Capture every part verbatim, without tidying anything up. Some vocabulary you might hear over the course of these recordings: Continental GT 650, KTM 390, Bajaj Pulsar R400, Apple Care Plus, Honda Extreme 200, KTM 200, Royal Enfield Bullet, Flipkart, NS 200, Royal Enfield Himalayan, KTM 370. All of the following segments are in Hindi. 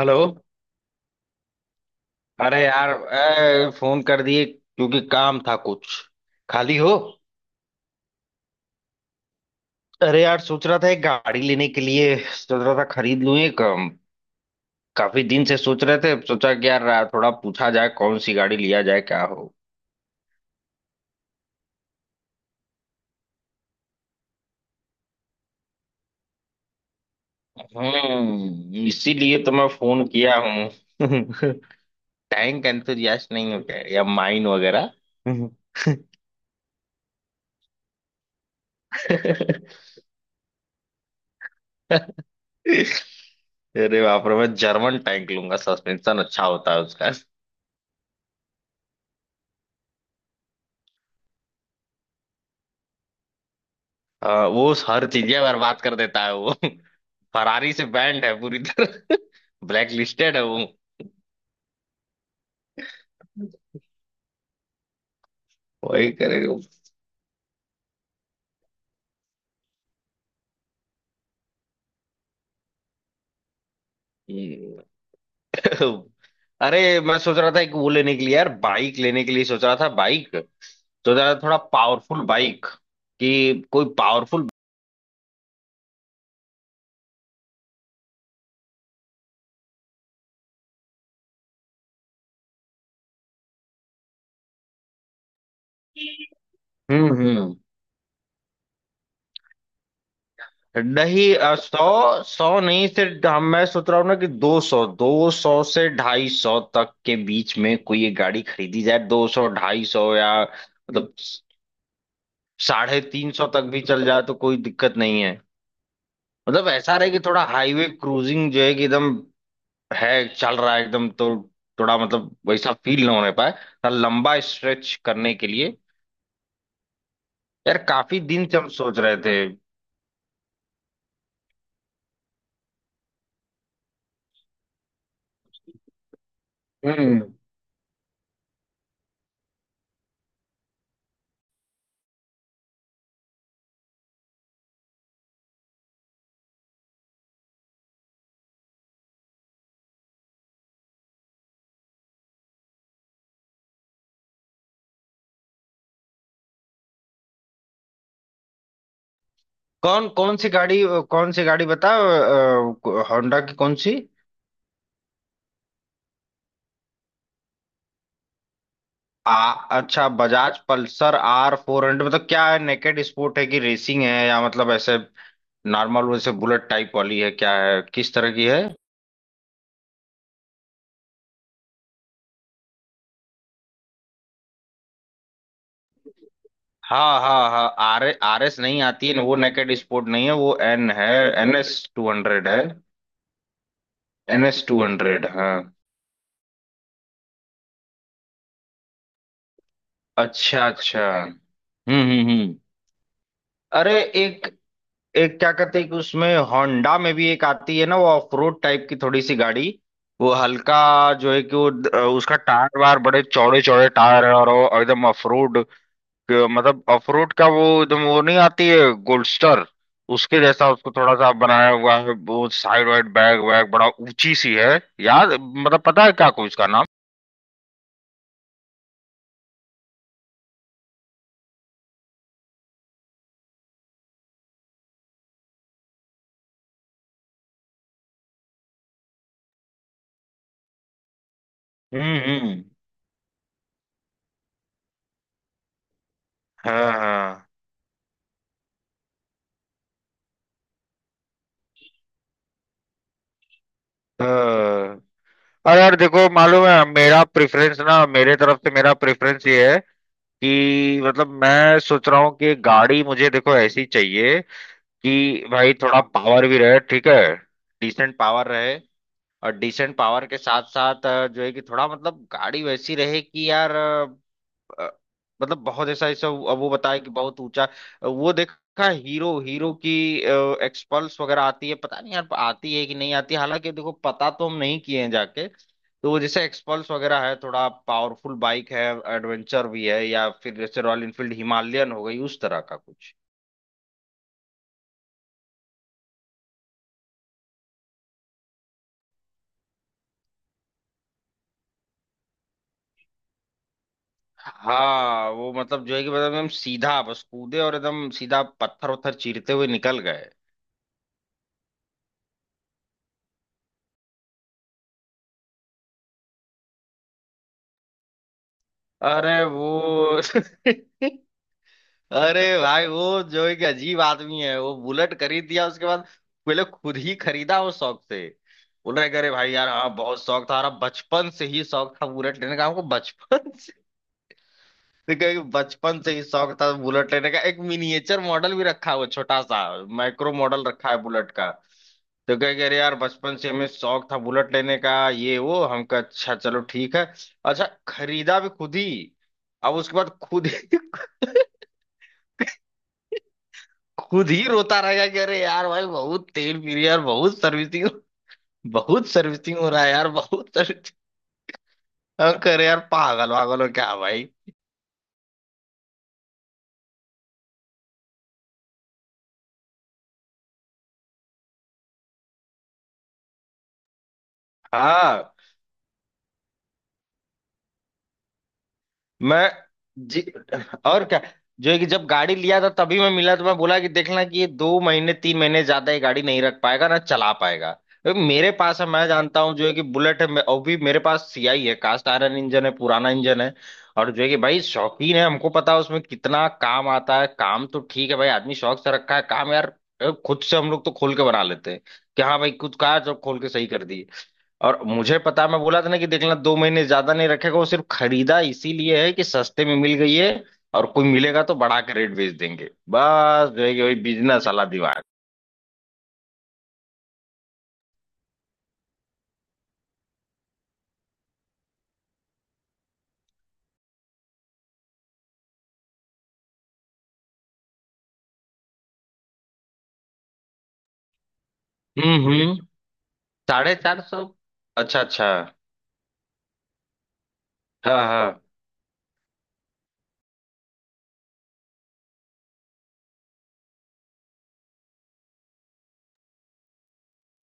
हेलो। अरे यार ए, फोन कर दिए क्योंकि काम था कुछ। खाली हो? अरे यार सोच रहा था एक गाड़ी लेने के लिए सोच रहा था, खरीद लूं एक अम, काफी दिन से सोच रहे थे, सोचा कि यार आ, थोड़ा पूछा जाए कौन सी गाड़ी लिया जाए, क्या हो। हम्म, इसीलिए तो मैं फोन किया हूँ। टैंक एंथुजियास्ट नहीं हो क्या, या माइन वगैरह? अरे बाप रे, मैं जर्मन टैंक लूंगा, सस्पेंशन अच्छा होता है उसका। हाँ, वो हर चीजें बर्बाद कर देता है वो। फरारी से बैंड है पूरी तरह, ब्लैक लिस्टेड है वो। वही करेगा। हम्म। अरे मैं सोच रहा था एक वो लेने के लिए, यार बाइक लेने के लिए सोच रहा था, बाइक। तो जरा थोड़ा पावरफुल बाइक, कि कोई पावरफुल। हम्म हम्म। नहीं अ, सौ सौ नहीं, सिर्फ हम मैं सोच रहा हूँ ना कि दो सौ दो सौ से ढाई सौ तक के बीच में कोई एक गाड़ी खरीदी जाए, दो सौ ढाई सौ या मतलब साढ़े तीन सौ तक भी चल जाए तो कोई दिक्कत नहीं है। मतलब ऐसा रहे कि थोड़ा हाईवे क्रूजिंग जो है कि एकदम है, चल रहा है एकदम, तो थोड़ा मतलब वैसा फील ना होने पाए, थोड़ा लंबा स्ट्रेच करने के लिए। यार काफी दिन से हम सोच रहे थे। हम्म। कौन कौन सी गाड़ी, कौन सी गाड़ी बताओ, अ, होंडा की कौन सी? आ, अच्छा, Bajaj Pulsar R four hundred मतलब क्या है, नेकेड स्पोर्ट है कि रेसिंग है, या मतलब ऐसे नॉर्मल वैसे बुलेट टाइप वाली है, क्या है, किस तरह की है? हाँ हाँ हाँ, आर आर एस नहीं आती है, वो नेकेड स्पोर्ट नहीं है, वो एन है। एन एस टू हंड्रेड है। एन एस टू हंड्रेड, हाँ। अच्छा अच्छा। हम्म हम्म हम्म। अरे एक एक क्या कहते हैं, कि उसमें होंडा में भी एक आती है ना, वो ऑफ रोड टाइप की थोड़ी सी गाड़ी। वो हल्का जो है कि वो द- उसका टायर वायर, बड़े चौड़े चौड़े टायर है, और वो एकदम ऑफ रोड। क- मतलब अखरोट का, वो एकदम, वो नहीं आती है? गोल्डस्टर उसके जैसा उसको थोड़ा सा बनाया हुआ है, वो साइड वाइड बैग वैग, बड़ा ऊंची सी है। याद मतलब पता है क्या कोई उसका नाम? हम्म हम्म। हाँ हाँ हाँ। अरे यार देखो, मालूम है, मेरा प्रेफरेंस ना, मेरे तरफ से मेरा प्रेफरेंस ये है कि मतलब मैं सोच रहा हूँ कि गाड़ी मुझे देखो ऐसी चाहिए कि भाई थोड़ा पावर भी रहे, ठीक है, डिसेंट पावर रहे। और डिसेंट पावर के साथ साथ अ, जो है कि थोड़ा मतलब गाड़ी वैसी रहे कि यार अ, अ, मतलब बहुत ऐसा ऐसा वो- अब वो बताया कि बहुत ऊंचा। वो देखा, हीरो हीरो की एक्सपल्स वगैरह आती है, पता नहीं यार आती है कि नहीं आती है, हालांकि देखो पता तो हम नहीं किए हैं जाके। तो वो जैसे एक्सपल्स वगैरह है, थोड़ा पावरफुल बाइक है, एडवेंचर भी है, या फिर जैसे रॉयल इनफील्ड हिमालयन हो गई, उस तरह का कुछ। हाँ वो मतलब, जो है कि मतलब एकदम सीधा बस कूदे और एकदम सीधा पत्थर वत्थर चीरते हुए निकल गए। अरे वो! अरे भाई वो जो एक अजीब आदमी है, वो बुलेट खरीद दिया उसके बाद, पहले खुद ही खरीदा वो शौक से। बोल रहे, अरे भाई यार हाँ बहुत शौक था, अरे बचपन से ही शौक था बुलेट लेने का हमको, बचपन से। तो कहे कि बचपन से ही शौक था बुलेट लेने का, एक मिनिएचर मॉडल भी रखा है वो, छोटा सा माइक्रो मॉडल रखा है बुलेट का। तो कहे कि अरे यार बचपन से हमें शौक था बुलेट लेने का ये वो हमका, अच्छा चलो ठीक है। अच्छा खरीदा भी खुद ही। अब उसके बाद खुद ही, खुद ही रोता रहेगा कि अरे यार भाई बहुत तेल पी रही है यार, बहुत सर्विसिंग, बहुत सर्विसिंग हो रहा है यार, बहुत सर्विसिंग। हम कह रहे यार पागल वागल हो क्या भाई। हाँ। मैं? जी। और क्या। जो है कि जब गाड़ी लिया था तभी मैं मिला, तो मैं बोला कि देखना कि ये दो महीने तीन महीने ज्यादा ये गाड़ी नहीं रख पाएगा, ना चला पाएगा। तो मेरे पास है, मैं जानता हूँ जो है कि बुलेट है, मैं- और भी मेरे पास सीआई है, कास्ट आयरन इंजन है, पुराना इंजन है। और जो है कि भाई शौकीन है, हमको पता है उसमें कितना काम आता है, काम तो ठीक है भाई, आदमी शौक से रखा है, काम यार खुद से हम लोग तो खोल के बना लेते हैं। कि हाँ भाई खुद का है, जब खोल के सही कर दिए। और मुझे पता, मैं बोला था ना कि देख लेना दो महीने ज्यादा नहीं रखेगा, वो सिर्फ खरीदा इसीलिए है कि सस्ते में मिल गई है, और कोई मिलेगा तो बढ़ा के रेट बेच देंगे, बस जो है कि वही बिजनेस वाला दिमाग। हम्म हम्म। साढ़े चार सौ, अच्छा अच्छा। हाँ हाँ।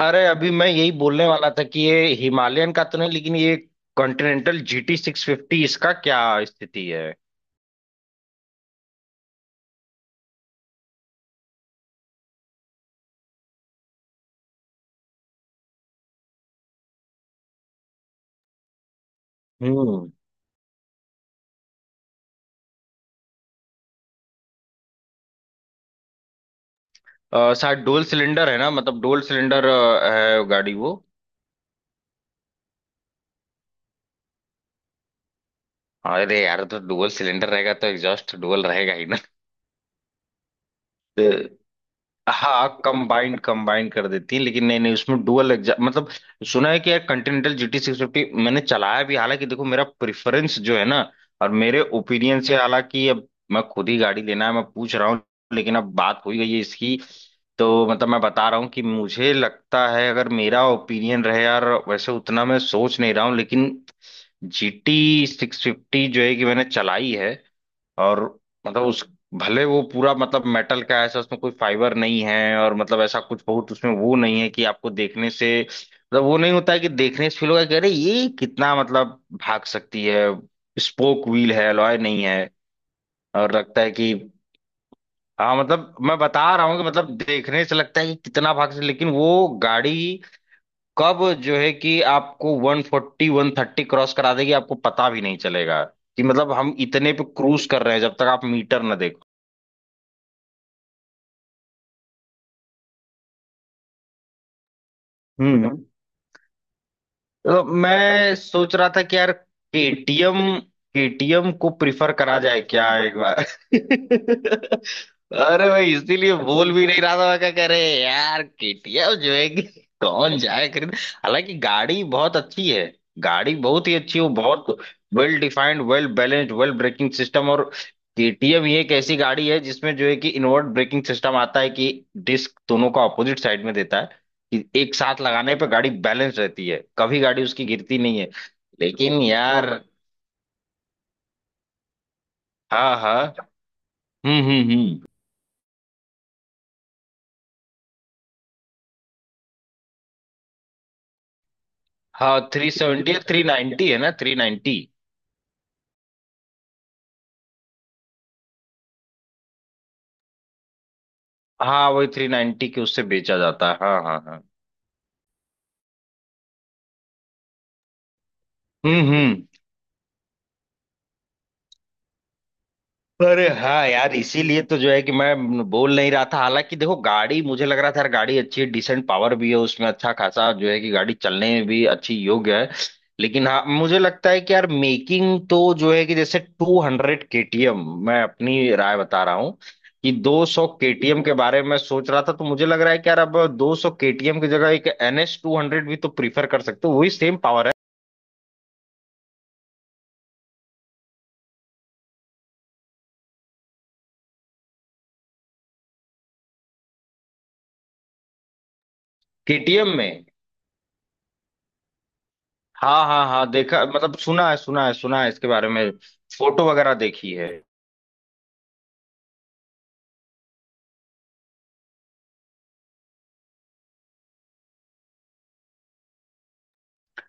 अरे अभी मैं यही बोलने वाला था कि ये हिमालयन का तो नहीं, लेकिन ये कॉन्टिनेंटल जीटी सिक्स फिफ्टी, इसका क्या स्थिति है? हम्म अ, शायद डोल सिलेंडर है ना, मतलब डोल सिलेंडर अ, है गाड़ी वो। अरे यार तो डुअल सिलेंडर रहेगा तो एग्जॉस्ट डुअल रहेगा ही ना। तो हाँ, कंबाइंड कंबाइंड कर देती है लेकिन, नहीं नहीं, उसमें डुअल एग्जॉस्ट मतलब। सुना है कि यार कॉन्टिनेंटल जीटी सिक्स फिफ्टी मैंने चलाया भी, हालांकि देखो मेरा प्रेफरेंस जो है ना, और मेरे ओपिनियन से, हालांकि अब मैं खुद ही गाड़ी लेना है, मैं पूछ रहा हूँ, लेकिन अब बात हो ही गई है इसकी, तो मतलब मैं बता रहा हूँ कि मुझे लगता है अगर मेरा ओपिनियन रहे यार, वैसे उतना मैं सोच नहीं रहा हूँ, लेकिन G T सिक्स फिफ्टी जो है कि मैंने चलाई है। और मतलब उस, भले वो पूरा मतलब मेटल का है, ऐसा उसमें कोई फाइबर नहीं है, और मतलब ऐसा कुछ बहुत उसमें वो नहीं है कि आपको देखने से, मतलब वो नहीं होता है कि देखने से फील होगा कि अरे ये कितना मतलब भाग सकती है। स्पोक व्हील है, अलॉय नहीं है। और लगता है कि, हाँ मतलब मैं बता रहा हूँ कि मतलब देखने से लगता है कि कितना भाग से, लेकिन वो गाड़ी कब जो है कि आपको one forty one thirty cross करा देगी आपको पता भी नहीं चलेगा कि मतलब हम इतने पे क्रूज कर रहे हैं जब तक आप मीटर ना। हम्म। तो मैं सोच रहा था कि यार केटीएम केटीएम को प्रिफर करा जाए क्या एक बार? अरे भाई इसीलिए बोल भी नहीं रहा था मैं, क्या कह रहे यार, केटीएम जो है कि कौन जाए खरीद। हालांकि गाड़ी बहुत अच्छी है, गाड़ी बहुत ही अच्छी हो, बहुत well defined, well balanced, well braking system, और केटीएम ये एक ऐसी गाड़ी है जिसमें जो है कि इनवर्ट ब्रेकिंग सिस्टम आता है कि डिस्क दोनों का ऑपोजिट साइड में देता है, कि एक साथ लगाने पे गाड़ी बैलेंस रहती है, कभी गाड़ी उसकी गिरती नहीं है, लेकिन यार। हाँ हाँ। हम्म हम्म हम्म। हाँ, थ्री सेवेंटी है, थ्री नाइन्टी है ना, थ्री नाइन्टी। हाँ वही, थ्री नाइन्टी के उससे बेचा जाता है, हाँ हाँ हाँ। हम्म हम्म। अरे हाँ यार, इसीलिए तो जो है कि मैं बोल नहीं रहा था, हालांकि देखो गाड़ी, मुझे लग रहा था यार गाड़ी अच्छी है, डिसेंट पावर भी है उसमें, अच्छा खासा जो है कि गाड़ी चलने में भी अच्छी योग्य है, लेकिन हाँ मुझे लगता है कि यार मेकिंग तो जो है कि जैसे टू हंड्रेड केटीएम। मैं अपनी राय बता रहा हूँ कि दो सौ केटीएम के बारे में सोच रहा था, तो मुझे लग रहा है कि यार अब दो सौ केटीएम की जगह एक एनएस टू हंड्रेड भी तो प्रीफर कर सकते हो, वही सेम पावर है। केटीएम में? हाँ हाँ हाँ, देखा मतलब, सुना है, सुना है, सुना है इसके बारे में, फोटो वगैरह देखी है।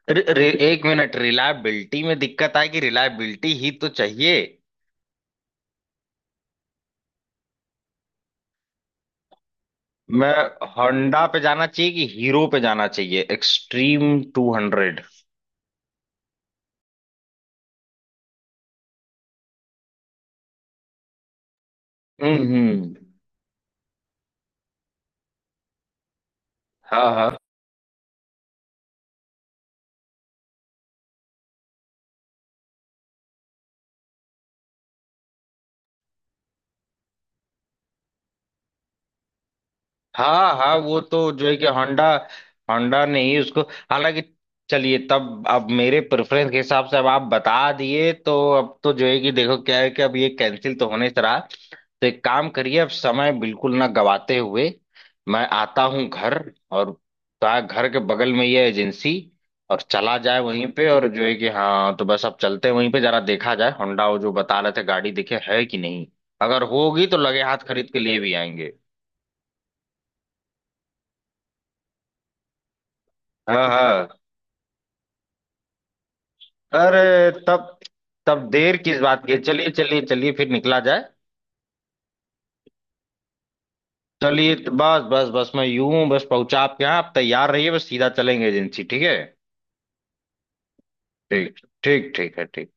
रि, रि, एक मिनट, रिलायबिलिटी में दिक्कत आए कि रिलायबिलिटी ही तो चाहिए। मैं? होंडा पे जाना चाहिए कि हीरो पे जाना चाहिए, एक्सट्रीम टू हंड्रेड। हम्म हम्म, हाँ हाँ हाँ। हाँ वो तो जो है कि होंडा होंडा ने ही उसको। हालांकि चलिए तब, अब मेरे प्रेफरेंस के हिसाब से अब आप बता दिए, तो अब तो जो है कि देखो क्या है कि अब ये कैंसिल तो होने से रहा। तो एक काम करिए, अब समय बिल्कुल ना गवाते हुए मैं आता हूँ घर, और ता- घर के बगल में ये एजेंसी और चला जाए वहीं पे, और जो है कि हाँ तो बस अब चलते हैं वहीं पे, जरा देखा जाए होंडा वो जो बता रहे थे गाड़ी देखे है कि नहीं, अगर होगी तो लगे हाथ खरीद के लिए भी आएंगे। हाँ हाँ। अरे तब तब देर किस बात की है? चलिए चलिए चलिए, फिर निकला जाए। चलिए तो बस बस बस, मैं यूं बस पहुंचा आपके यहाँ, आप तैयार रहिए, बस सीधा चलेंगे एजेंसी, ठीक है? ठीक। ठीक ठीक है। ठीक।